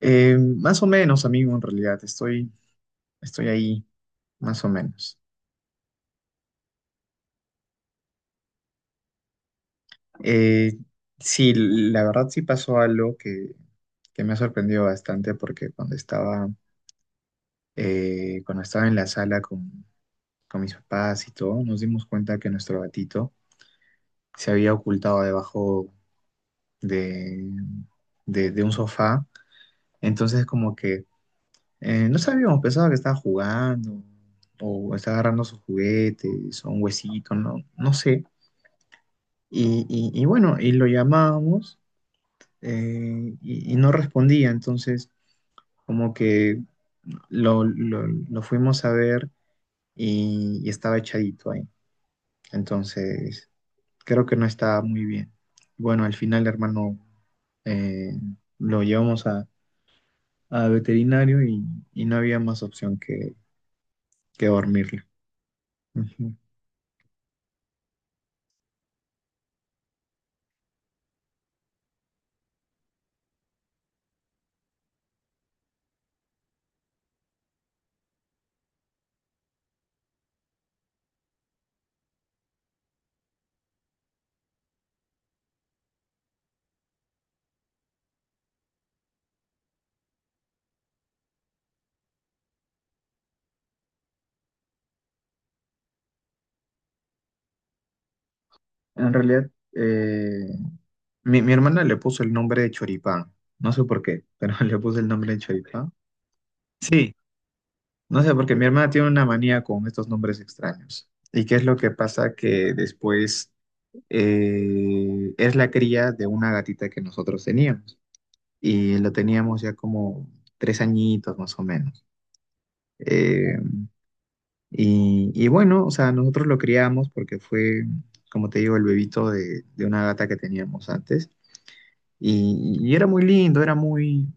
Más o menos, amigo, en realidad, estoy ahí, más o menos. Eh, sí, la verdad sí pasó algo que me ha sorprendido bastante porque cuando cuando estaba en la sala con mis papás y todo, nos dimos cuenta que nuestro gatito se había ocultado debajo de, de, de un sofá. Entonces, como que no sabíamos, pensaba que estaba jugando o estaba agarrando sus juguetes o un huesito, no, no sé. Y bueno, y lo llamábamos y no respondía, entonces como que lo fuimos a ver y estaba echadito ahí. Entonces creo que no estaba muy bien. Bueno, al final, hermano, eh, lo llevamos a veterinario y no había más opción que dormirlo. Ujú. En realidad, mi hermana le puso el nombre de Choripán, no sé por qué, pero le puso el nombre de Choripán. Sí, no sé, porque mi hermana tiene una manía con estos nombres extraños. ¿Y qué es lo que pasa? Que después es la cría de una gatita que nosotros teníamos. Y lo teníamos ya como 3 añitos más o menos. Eh, y bueno, o sea, nosotros lo criamos porque fue, como te digo, el bebito de una gata que teníamos antes. Y era muy lindo, era muy...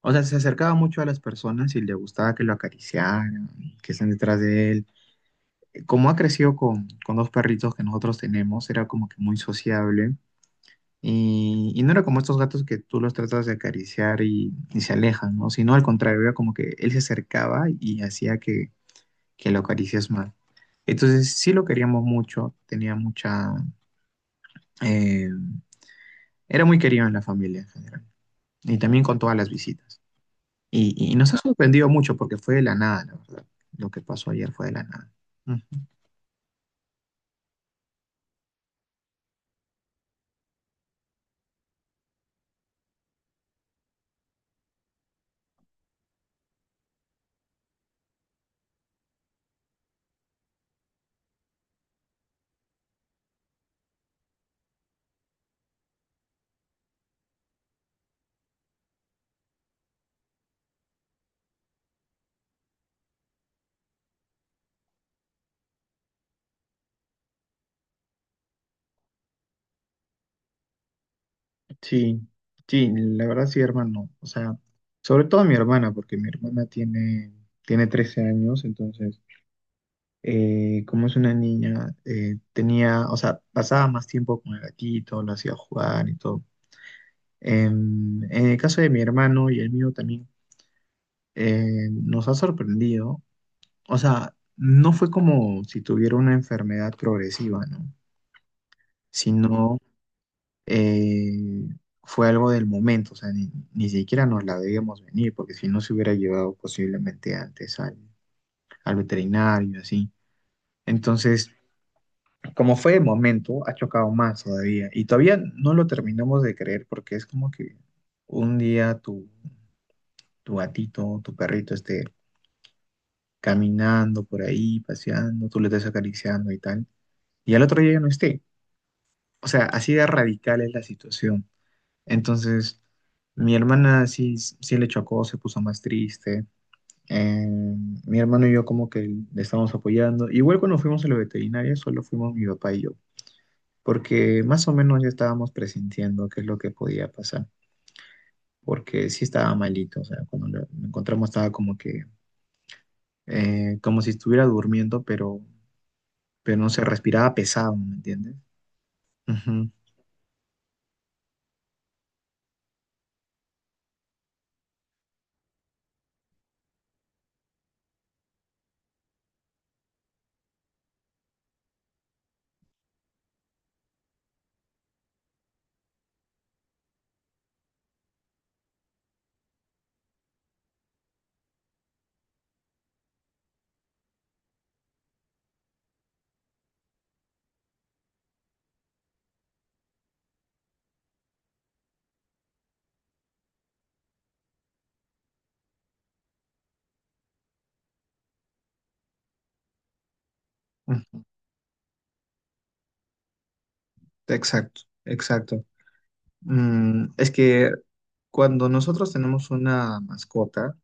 O sea, se acercaba mucho a las personas y le gustaba que lo acariciaran, que estén detrás de él. Como ha crecido con dos perritos que nosotros tenemos, era como que muy sociable y no era como estos gatos que tú los tratas de acariciar y se alejan, ¿no? Sino al contrario, era como que él se acercaba y hacía que lo acaricias más. Entonces sí lo queríamos mucho, tenía mucha... eh, Era muy querido en la familia en general y también con todas las visitas. Y nos ha sorprendido mucho porque fue de la nada, la verdad. Lo que pasó ayer fue de la nada. Sí, sí, la verdad sí, hermano. O sea, sobre todo mi hermana, porque mi hermana tiene 13 años, entonces, como es una niña, tenía, o sea, pasaba más tiempo con el gatito, lo hacía jugar y todo. En el caso de mi hermano y el mío también, nos ha sorprendido. O sea, no fue como si tuviera una enfermedad progresiva, ¿no? Sino eh, fue algo del momento, o sea, ni siquiera nos la debíamos venir, porque si no se hubiera llevado posiblemente antes al veterinario, así. Entonces, como fue de momento, ha chocado más todavía. Y todavía no lo terminamos de creer, porque es como que un día tu gatito, tu perrito esté caminando por ahí, paseando, tú le estés acariciando y tal, y al otro día ya no esté. O sea, así de radical es la situación. Entonces, mi hermana sí, sí le chocó, se puso más triste. Eh, Mi hermano y yo como que le estábamos apoyando. Igual cuando fuimos a la veterinaria, solo fuimos mi papá y yo, porque más o menos ya estábamos presintiendo qué es lo que podía pasar, porque sí estaba malito, o sea, cuando lo encontramos estaba como que, como si estuviera durmiendo, pero no se respiraba pesado, ¿me entiendes? Ujú, ujú. Exacto, exacto. Mm, es que cuando nosotros tenemos una mascota,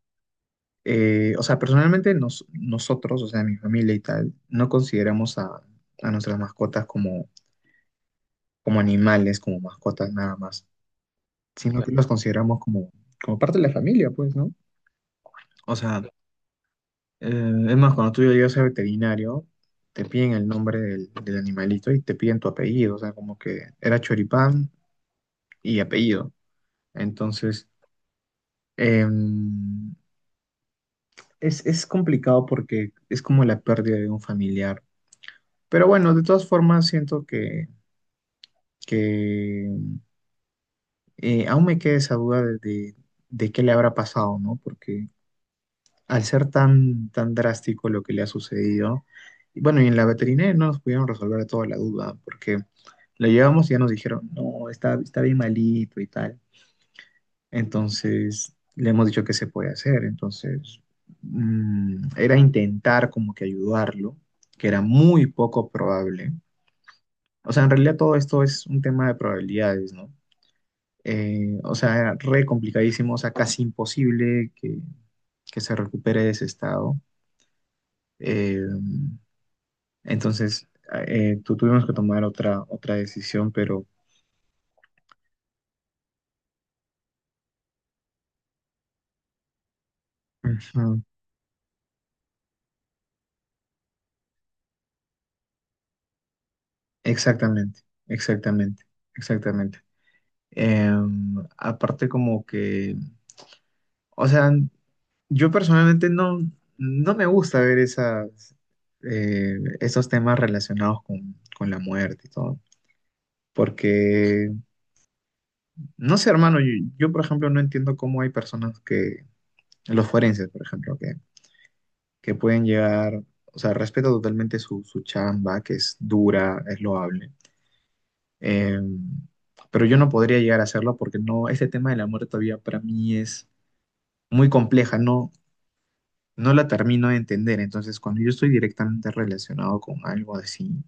o sea, personalmente nosotros, o sea, mi familia y tal, no consideramos a nuestras mascotas como, como animales, como mascotas nada más, sino que, claro, los consideramos como, como parte de la familia, pues, ¿no? O sea, es más, cuando tú llegas al veterinario, te piden el nombre del animalito y te piden tu apellido, o sea, como que era Choripán y apellido. Entonces, em, es complicado porque es como la pérdida de un familiar. Pero bueno, de todas formas, siento que aún me queda esa duda de qué le habrá pasado, ¿no? Porque al ser tan, tan drástico lo que le ha sucedido, y bueno, y en la veterinaria no nos pudieron resolver toda la duda, porque lo llevamos y ya nos dijeron, no, está, está bien malito y tal. Entonces, le hemos dicho que se puede hacer. Entonces, mm, era intentar como que ayudarlo, que era muy poco probable. O sea, en realidad todo esto es un tema de probabilidades, ¿no? O sea, era re complicadísimo, o sea, casi imposible que se recupere de ese estado. Eh, entonces, Tuvimos que tomar otra, otra decisión, pero... Ujú. Exactamente, exactamente, exactamente. Aparte como que, o sea, yo personalmente no, no me gusta ver esas, esos temas relacionados con la muerte y todo. Porque, no sé, hermano, yo, por ejemplo no entiendo cómo hay personas los forenses, por ejemplo, que pueden llegar, o sea, respeto totalmente su, su chamba, que es dura, es loable. eh, pero yo no podría llegar a hacerlo porque no, este tema de la muerte todavía para mí es muy compleja, no, no la termino de entender. Entonces, cuando yo estoy directamente relacionado con algo así,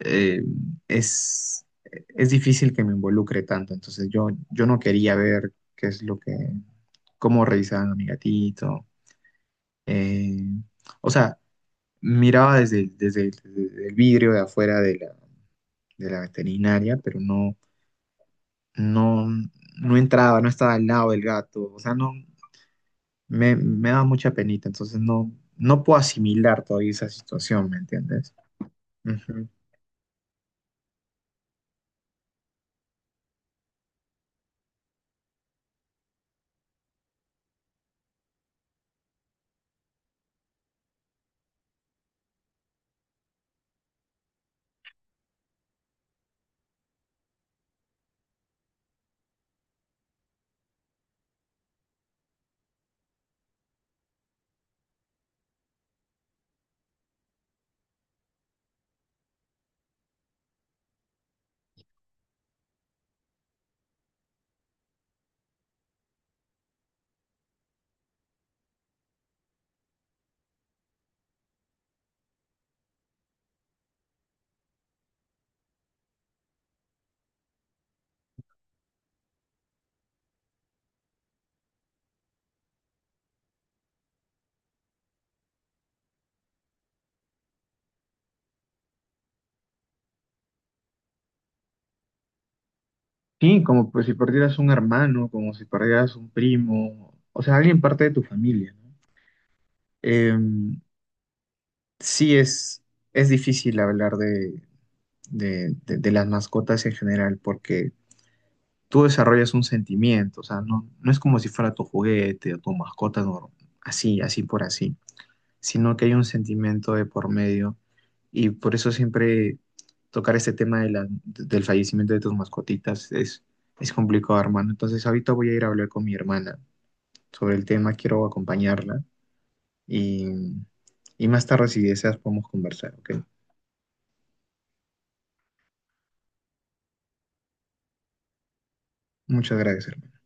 eh, es difícil que me involucre tanto. Entonces, yo no quería ver qué es lo que, cómo revisaban a mi gatito. eh, o sea, Miraba desde el vidrio de afuera de la veterinaria, pero no, no, no entraba, no estaba al lado del gato. O sea, no, me daba mucha penita. Entonces, no, no puedo asimilar todavía esa situación, ¿me entiendes? Ujú. Sí, como pues si perdieras un hermano, como si perdieras un primo, o sea, alguien parte de tu familia, ¿no? Em, sí es difícil hablar de las mascotas en general porque tú desarrollas un sentimiento, o sea, no, no es como si fuera tu juguete o tu mascota nor- así, así por así, sino que hay un sentimiento de por medio. Y por eso siempre tocar este tema de del fallecimiento de tus mascotitas es complicado, hermano. Entonces ahorita voy a ir a hablar con mi hermana sobre el tema, quiero acompañarla y, y más tarde si deseas podemos conversar, ¿ok? Muchas gracias, hermano.